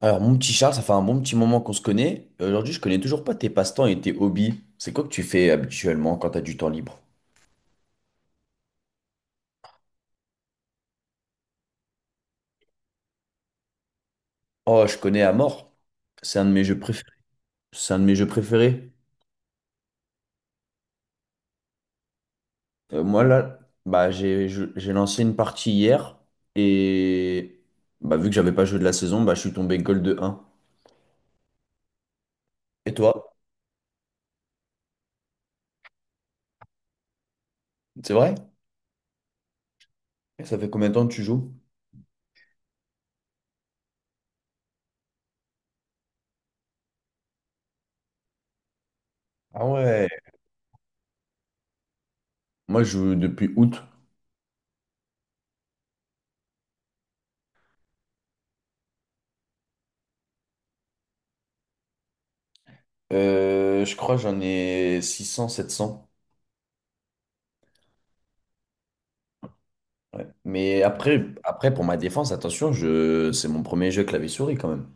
Alors, mon petit Charles, ça fait un bon petit moment qu'on se connaît. Et aujourd'hui, je connais toujours pas tes passe-temps et tes hobbies. C'est quoi que tu fais habituellement quand t'as du temps libre? Oh, je connais à mort. C'est un de mes jeux préférés. C'est un de mes jeux préférés. Moi, là, bah, j'ai lancé une partie hier et bah, vu que j'avais pas joué de la saison, bah, je suis tombé gold de 1. Et toi? C'est vrai? Ça fait combien de temps que tu joues? Ah ouais. Moi, je joue depuis août. Je crois que j'en ai 600, 700. Ouais. Mais après, après, pour ma défense, attention, je c'est mon premier jeu clavier-souris quand même.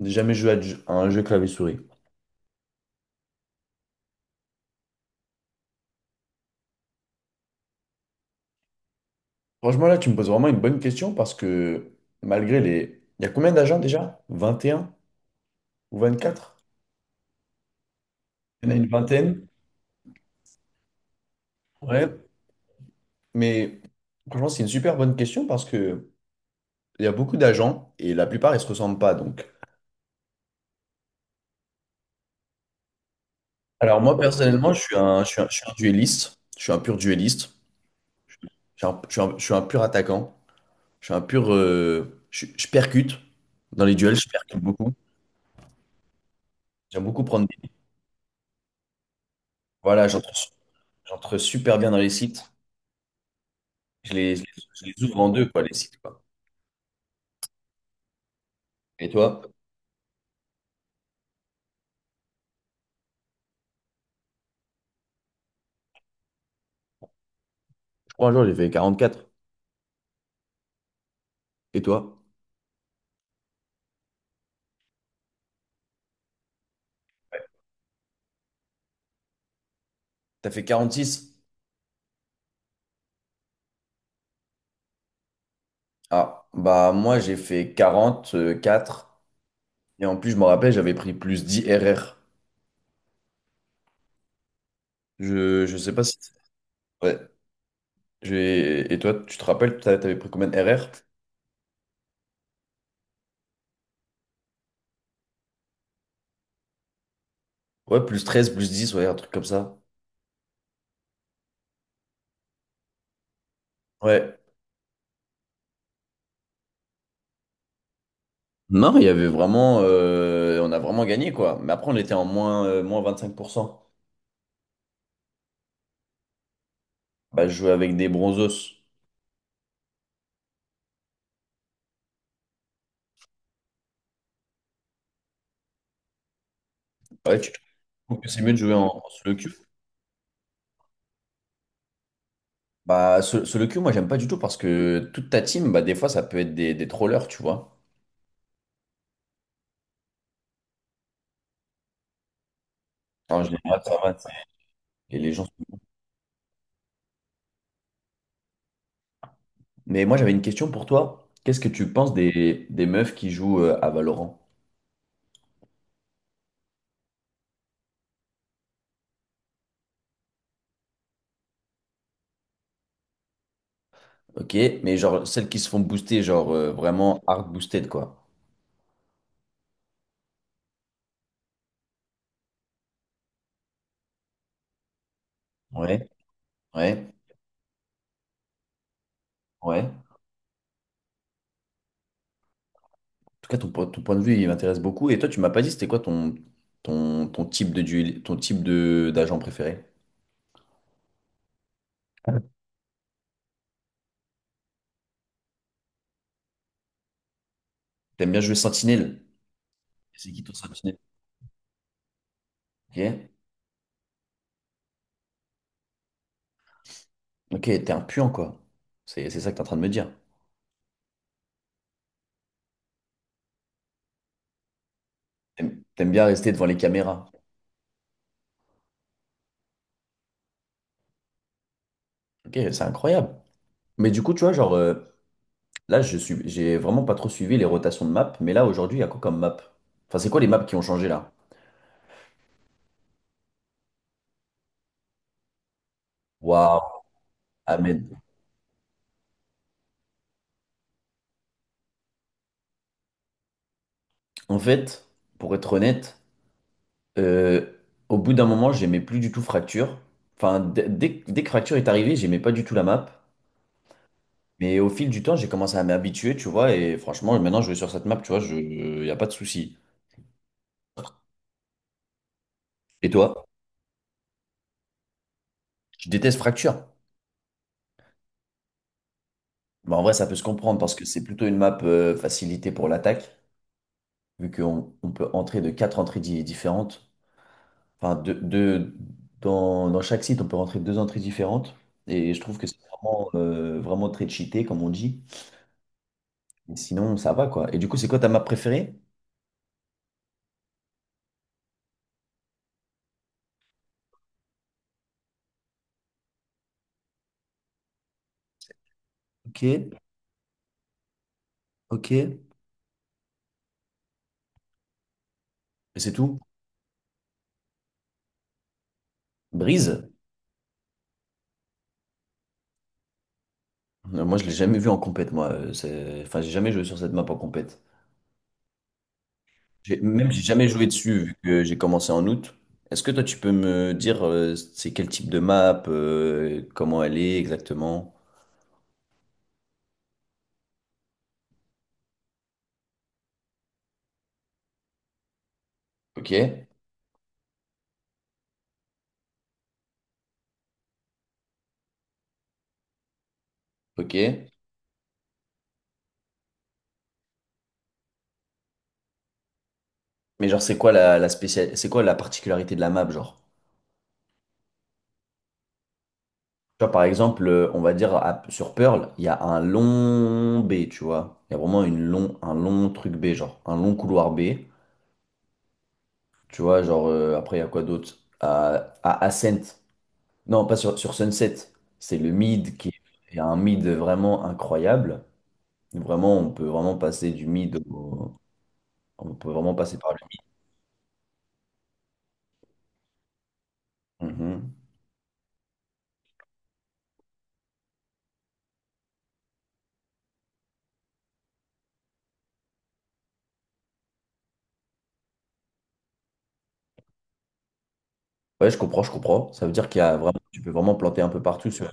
J'ai jamais joué à un jeu clavier-souris. Franchement, là, tu me poses vraiment une bonne question parce que malgré les il y a combien d'agents déjà? 21 ou 24? Il y en a une vingtaine. Ouais. Mais franchement, c'est une super bonne question parce que il y a beaucoup d'agents et la plupart, ils se ressemblent pas. Donc alors moi, personnellement, je suis un duelliste. Je suis un pur duelliste. Je suis un pur attaquant. Je suis un pur. Je percute dans les duels, je percute beaucoup. J'aime beaucoup prendre des. Voilà, j'entre super bien dans les sites. Je les ouvre en deux, quoi, les sites, quoi. Et toi? Je crois un jour, j'ai fait 44. Et toi? T'as fait 46? Ah, bah moi, j'ai fait 44. Et en plus, je me rappelle, j'avais pris plus 10 RR. Je sais pas si. Ouais. Et toi, tu te rappelles, t'avais pris combien de RR? Ouais, plus 13, plus 10, ouais, un truc comme ça. Ouais. Non, il y avait vraiment, on a vraiment gagné quoi. Mais après, on était en moins, moins 25%. Bah, je jouais avec des bronzos. Ouais, tu trouves que c'est mieux de jouer en, en solo queue? Bah, solo queue, moi, j'aime pas du tout parce que toute ta team, bah, des fois, ça peut être des trollers, tu vois. En général, ça va, c'est- et les gens. Mais moi, j'avais une question pour toi. Qu'est-ce que tu penses des meufs qui jouent à Valorant? Ok, mais genre celles qui se font booster, genre vraiment hard boosted quoi. Ouais, ouais, ouais. Tout cas, ton, ton point de vue, il m'intéresse beaucoup. Et toi, tu m'as pas dit, c'était quoi ton, ton, ton type de duel, ton type de d'agent préféré? T'aimes bien jouer Sentinelle? C'est qui ton Sentinelle? Ok, ok, t'es un puant, quoi. C'est ça que t'es en train de me dire. T'aimes bien rester devant les caméras. Ok, c'est incroyable. Mais du coup, tu vois, genre, là, j'ai vraiment pas trop suivi les rotations de maps. Mais là, aujourd'hui, il y a quoi comme map? Enfin, c'est quoi les maps qui ont changé là? Waouh, Ahmed. En fait, pour être honnête, Euh, au bout d'un moment, j'aimais plus du tout Fracture. Enfin, dès que Fracture est arrivé, j'aimais pas du tout la map. Mais au fil du temps, j'ai commencé à m'habituer, tu vois. Et franchement, maintenant, je vais sur cette map, tu vois, je, y a pas de souci. Et toi, je déteste Fracture? Bah, en vrai, ça peut se comprendre parce que c'est plutôt une map facilitée pour l'attaque, vu qu'on on peut entrer de quatre entrées différentes. Enfin, de- dans, dans chaque site, on peut rentrer deux entrées différentes. Et je trouve que c'est vraiment, vraiment très cheaté, comme on dit. Mais sinon, ça va, quoi. Et du coup, c'est quoi ta map préférée? Ok, ok. Et c'est tout? Brise? Moi, je l'ai jamais vu en compète, moi. C'est- enfin, j'ai jamais joué sur cette map en compète. J'ai- même, j'ai jamais joué dessus, vu que j'ai commencé en août. Est-ce que toi, tu peux me dire, c'est quel type de map, comment elle est exactement? Ok, ok. Mais genre, c'est quoi la, la spécial c'est quoi la particularité de la map, genre? Tu vois, par exemple, on va dire sur Pearl, il y a un long B, tu vois. Il y a vraiment une long, un long truc B, genre un long couloir B. Tu vois, genre, après, il y a quoi d'autre? À Ascent. Non, pas sur, sur Sunset. C'est le mid qui est un mid vraiment incroyable. Vraiment, on peut vraiment passer du mid au on peut vraiment passer par le mid. Mhm. Ouais, je comprends, je comprends. Ça veut dire qu'il y a vraiment, tu peux vraiment planter un peu partout sur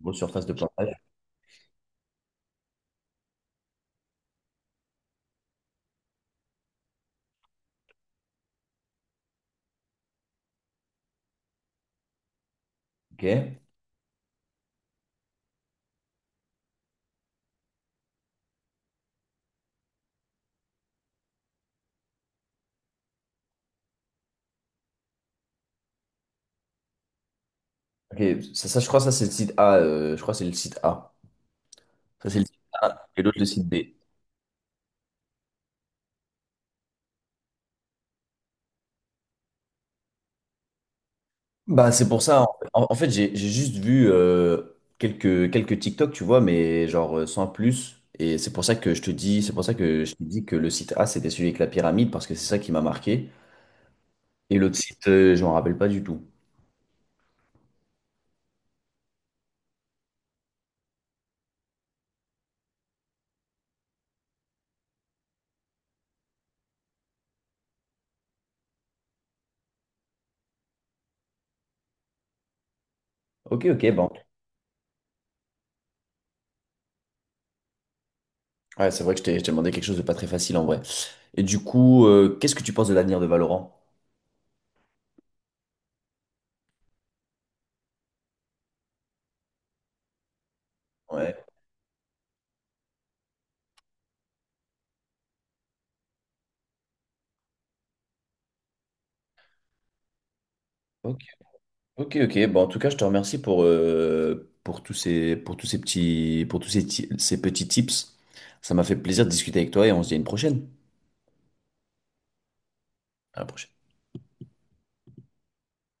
une grosse surface de plantage. Ok. Ok, ça, je crois que ça c'est le site A. Je crois que c'est le site A. Ça, c'est le site A et l'autre, le site B. Bah, c'est pour ça. J'ai juste vu quelques, quelques TikTok, tu vois, mais genre sans plus. Et c'est pour ça que je te dis, c'est pour ça que je te dis que le site A, c'était celui avec la pyramide, parce que c'est ça qui m'a marqué. Et l'autre site, je m'en rappelle pas du tout. Ok, ok, bon. Ouais, c'est vrai que je t'ai demandé quelque chose de pas très facile en vrai. Et du coup, qu'est-ce que tu penses de l'avenir de Valorant? Ouais. Ok. Ok, ok. Bon, en tout cas, je te remercie pour tous ces petits, pour tous ces, ces petits tips. Ça m'a fait plaisir de discuter avec toi et on se dit à une prochaine. À la prochaine.